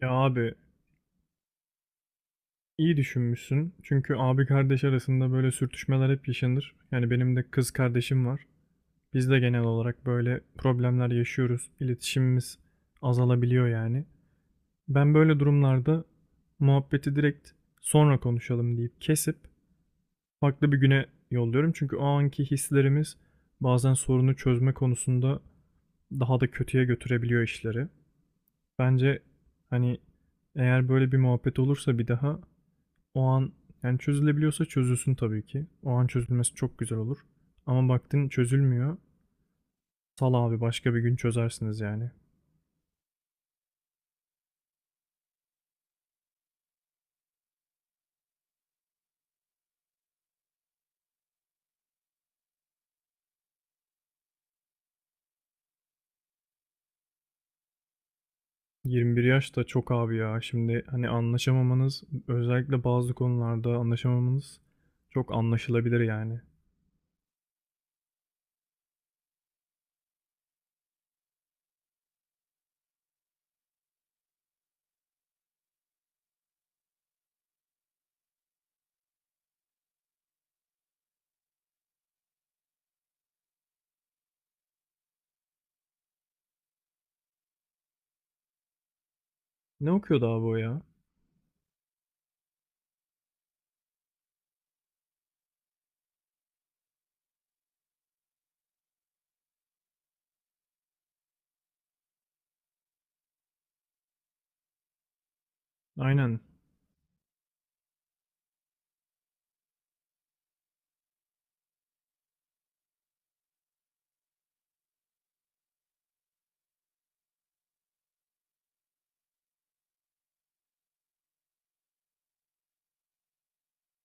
Ya abi, iyi düşünmüşsün. Çünkü abi kardeş arasında böyle sürtüşmeler hep yaşanır. Yani benim de kız kardeşim var. Biz de genel olarak böyle problemler yaşıyoruz. İletişimimiz azalabiliyor yani. Ben böyle durumlarda muhabbeti direkt sonra konuşalım deyip kesip farklı bir güne yolluyorum. Çünkü o anki hislerimiz bazen sorunu çözme konusunda daha da kötüye götürebiliyor işleri. Bence hani eğer böyle bir muhabbet olursa bir daha, o an, yani çözülebiliyorsa çözülsün tabii ki. O an çözülmesi çok güzel olur. Ama baktın çözülmüyor. Sal abi, başka bir gün çözersiniz yani. 21 yaş da çok abi ya. Şimdi hani anlaşamamanız, özellikle bazı konularda anlaşamamanız çok anlaşılabilir yani. Ne okuyordu abi o ya? Aynen.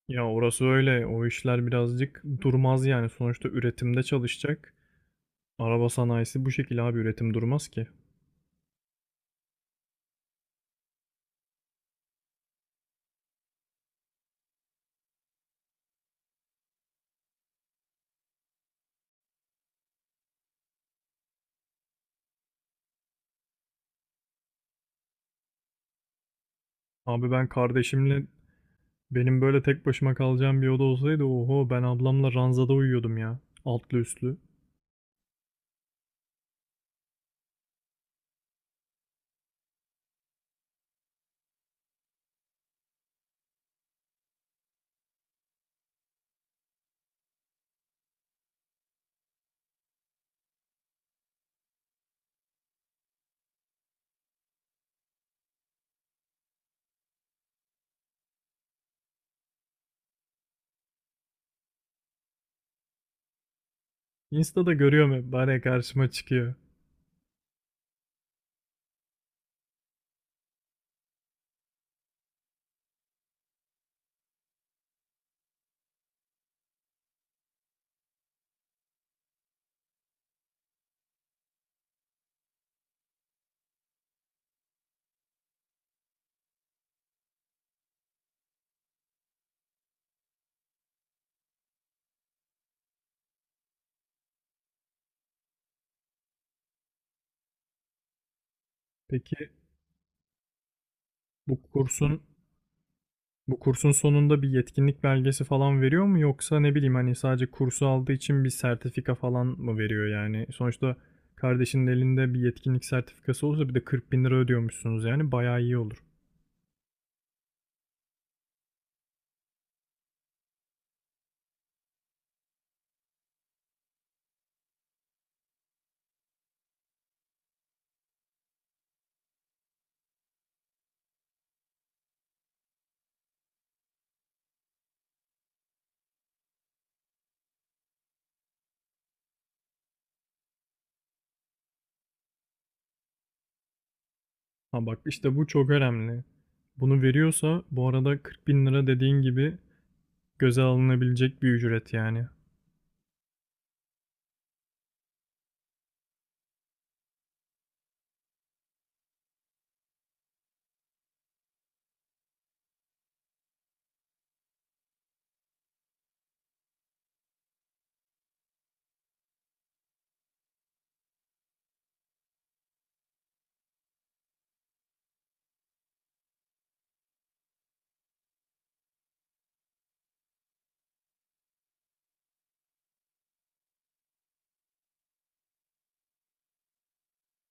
Ya orası öyle. O işler birazcık durmaz yani. Sonuçta üretimde çalışacak. Araba sanayisi bu şekilde abi, üretim durmaz ki. Abi ben kardeşimle Benim böyle tek başıma kalacağım bir oda olsaydı oho, ben ablamla ranzada uyuyordum ya. Altlı üstlü. Insta'da görüyorum hep, bari karşıma çıkıyor. Peki bu kursun bu kursun sonunda bir yetkinlik belgesi falan veriyor mu, yoksa ne bileyim hani sadece kursu aldığı için bir sertifika falan mı veriyor yani? Sonuçta kardeşinin elinde bir yetkinlik sertifikası olsa, bir de 40 bin lira ödüyormuşsunuz, yani bayağı iyi olur. Ha bak, işte bu çok önemli. Bunu veriyorsa, bu arada 40 bin lira dediğin gibi göze alınabilecek bir ücret yani.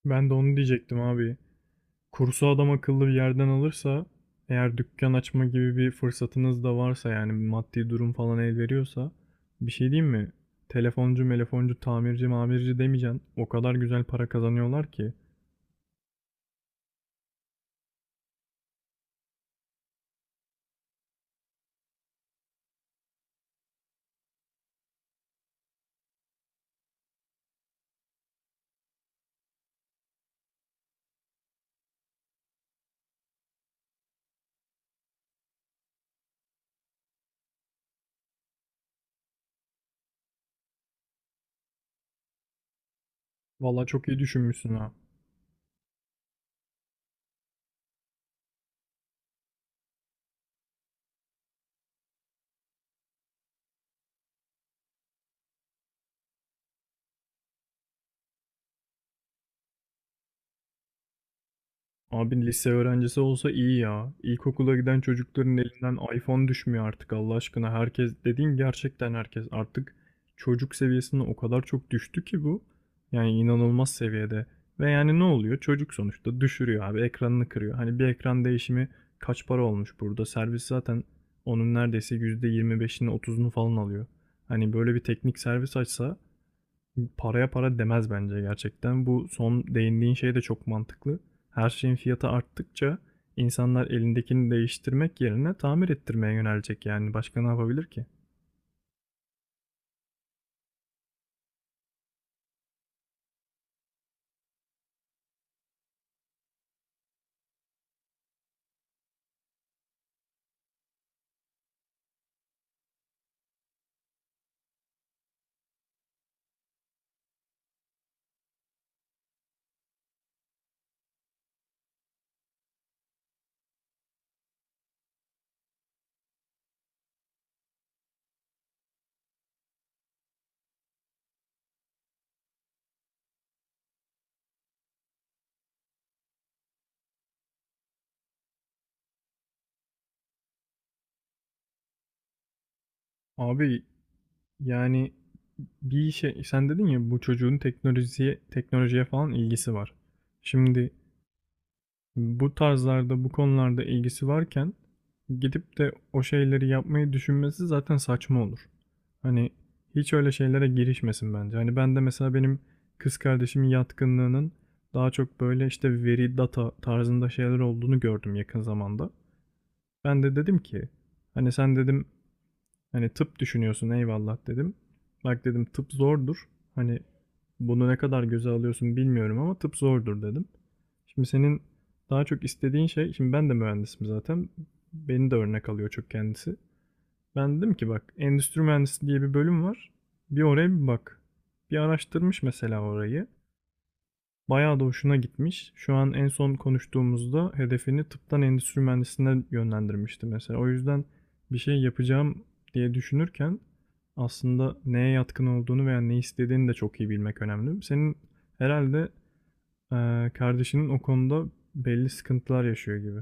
Ben de onu diyecektim abi. Kursu adam akıllı bir yerden alırsa, eğer dükkan açma gibi bir fırsatınız da varsa, yani maddi durum falan el veriyorsa, bir şey diyeyim mi? Telefoncu, melefoncu, tamirci, mamirci demeyeceksin. O kadar güzel para kazanıyorlar ki. Valla çok iyi düşünmüşsün ha. Abi lise öğrencisi olsa iyi ya. İlkokula giden çocukların elinden iPhone düşmüyor artık, Allah aşkına. Herkes dediğin gerçekten herkes artık, çocuk seviyesine o kadar çok düştü ki bu. Yani inanılmaz seviyede. Ve yani ne oluyor? Çocuk sonuçta düşürüyor abi, ekranını kırıyor. Hani bir ekran değişimi kaç para olmuş burada? Servis zaten onun neredeyse %25'ini, 30'unu falan alıyor. Hani böyle bir teknik servis açsa, paraya para demez bence gerçekten. Bu son değindiğin şey de çok mantıklı. Her şeyin fiyatı arttıkça insanlar elindekini değiştirmek yerine tamir ettirmeye yönelecek yani. Başka ne yapabilir ki? Abi yani, bir şey sen dedin ya, bu çocuğun teknolojiye teknolojiye falan ilgisi var. Şimdi bu tarzlarda, bu konularda ilgisi varken, gidip de o şeyleri yapmayı düşünmesi zaten saçma olur. Hani hiç öyle şeylere girişmesin bence. Hani ben de mesela, benim kız kardeşimin yatkınlığının daha çok böyle işte veri, data tarzında şeyler olduğunu gördüm yakın zamanda. Ben de dedim ki, hani sen dedim, hani tıp düşünüyorsun, eyvallah dedim. Bak dedim, tıp zordur. Hani bunu ne kadar göze alıyorsun bilmiyorum ama tıp zordur dedim. Şimdi senin daha çok istediğin şey, şimdi ben de mühendisim zaten. Beni de örnek alıyor çok kendisi. Ben dedim ki, bak endüstri mühendisi diye bir bölüm var. Bir oraya bir bak. Bir araştırmış mesela orayı. Bayağı da hoşuna gitmiş. Şu an en son konuştuğumuzda hedefini tıptan endüstri mühendisliğine yönlendirmişti mesela. O yüzden bir şey yapacağım diye düşünürken aslında neye yatkın olduğunu veya ne istediğini de çok iyi bilmek önemli. Senin herhalde e, kardeşinin o konuda belli sıkıntılar yaşıyor gibi.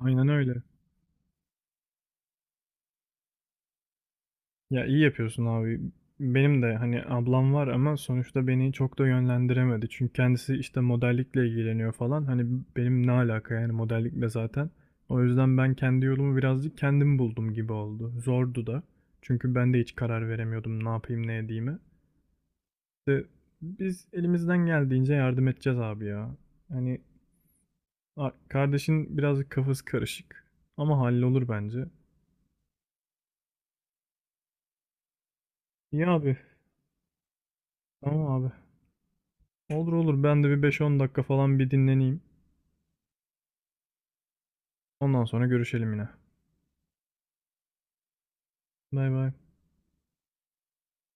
Aynen öyle. Ya iyi yapıyorsun abi. Benim de hani ablam var ama sonuçta beni çok da yönlendiremedi. Çünkü kendisi işte modellikle ilgileniyor falan. Hani benim ne alaka yani modellikle zaten. O yüzden ben kendi yolumu birazcık kendim buldum gibi oldu. Zordu da. Çünkü ben de hiç karar veremiyordum ne yapayım ne edeyimi. İşte biz elimizden geldiğince yardım edeceğiz abi ya. Hani kardeşin birazcık kafası karışık ama hallolur bence. İyi abi. Tamam abi. Olur olur, ben de bir beş on dakika falan bir dinleneyim. Ondan sonra görüşelim yine. Bay bay.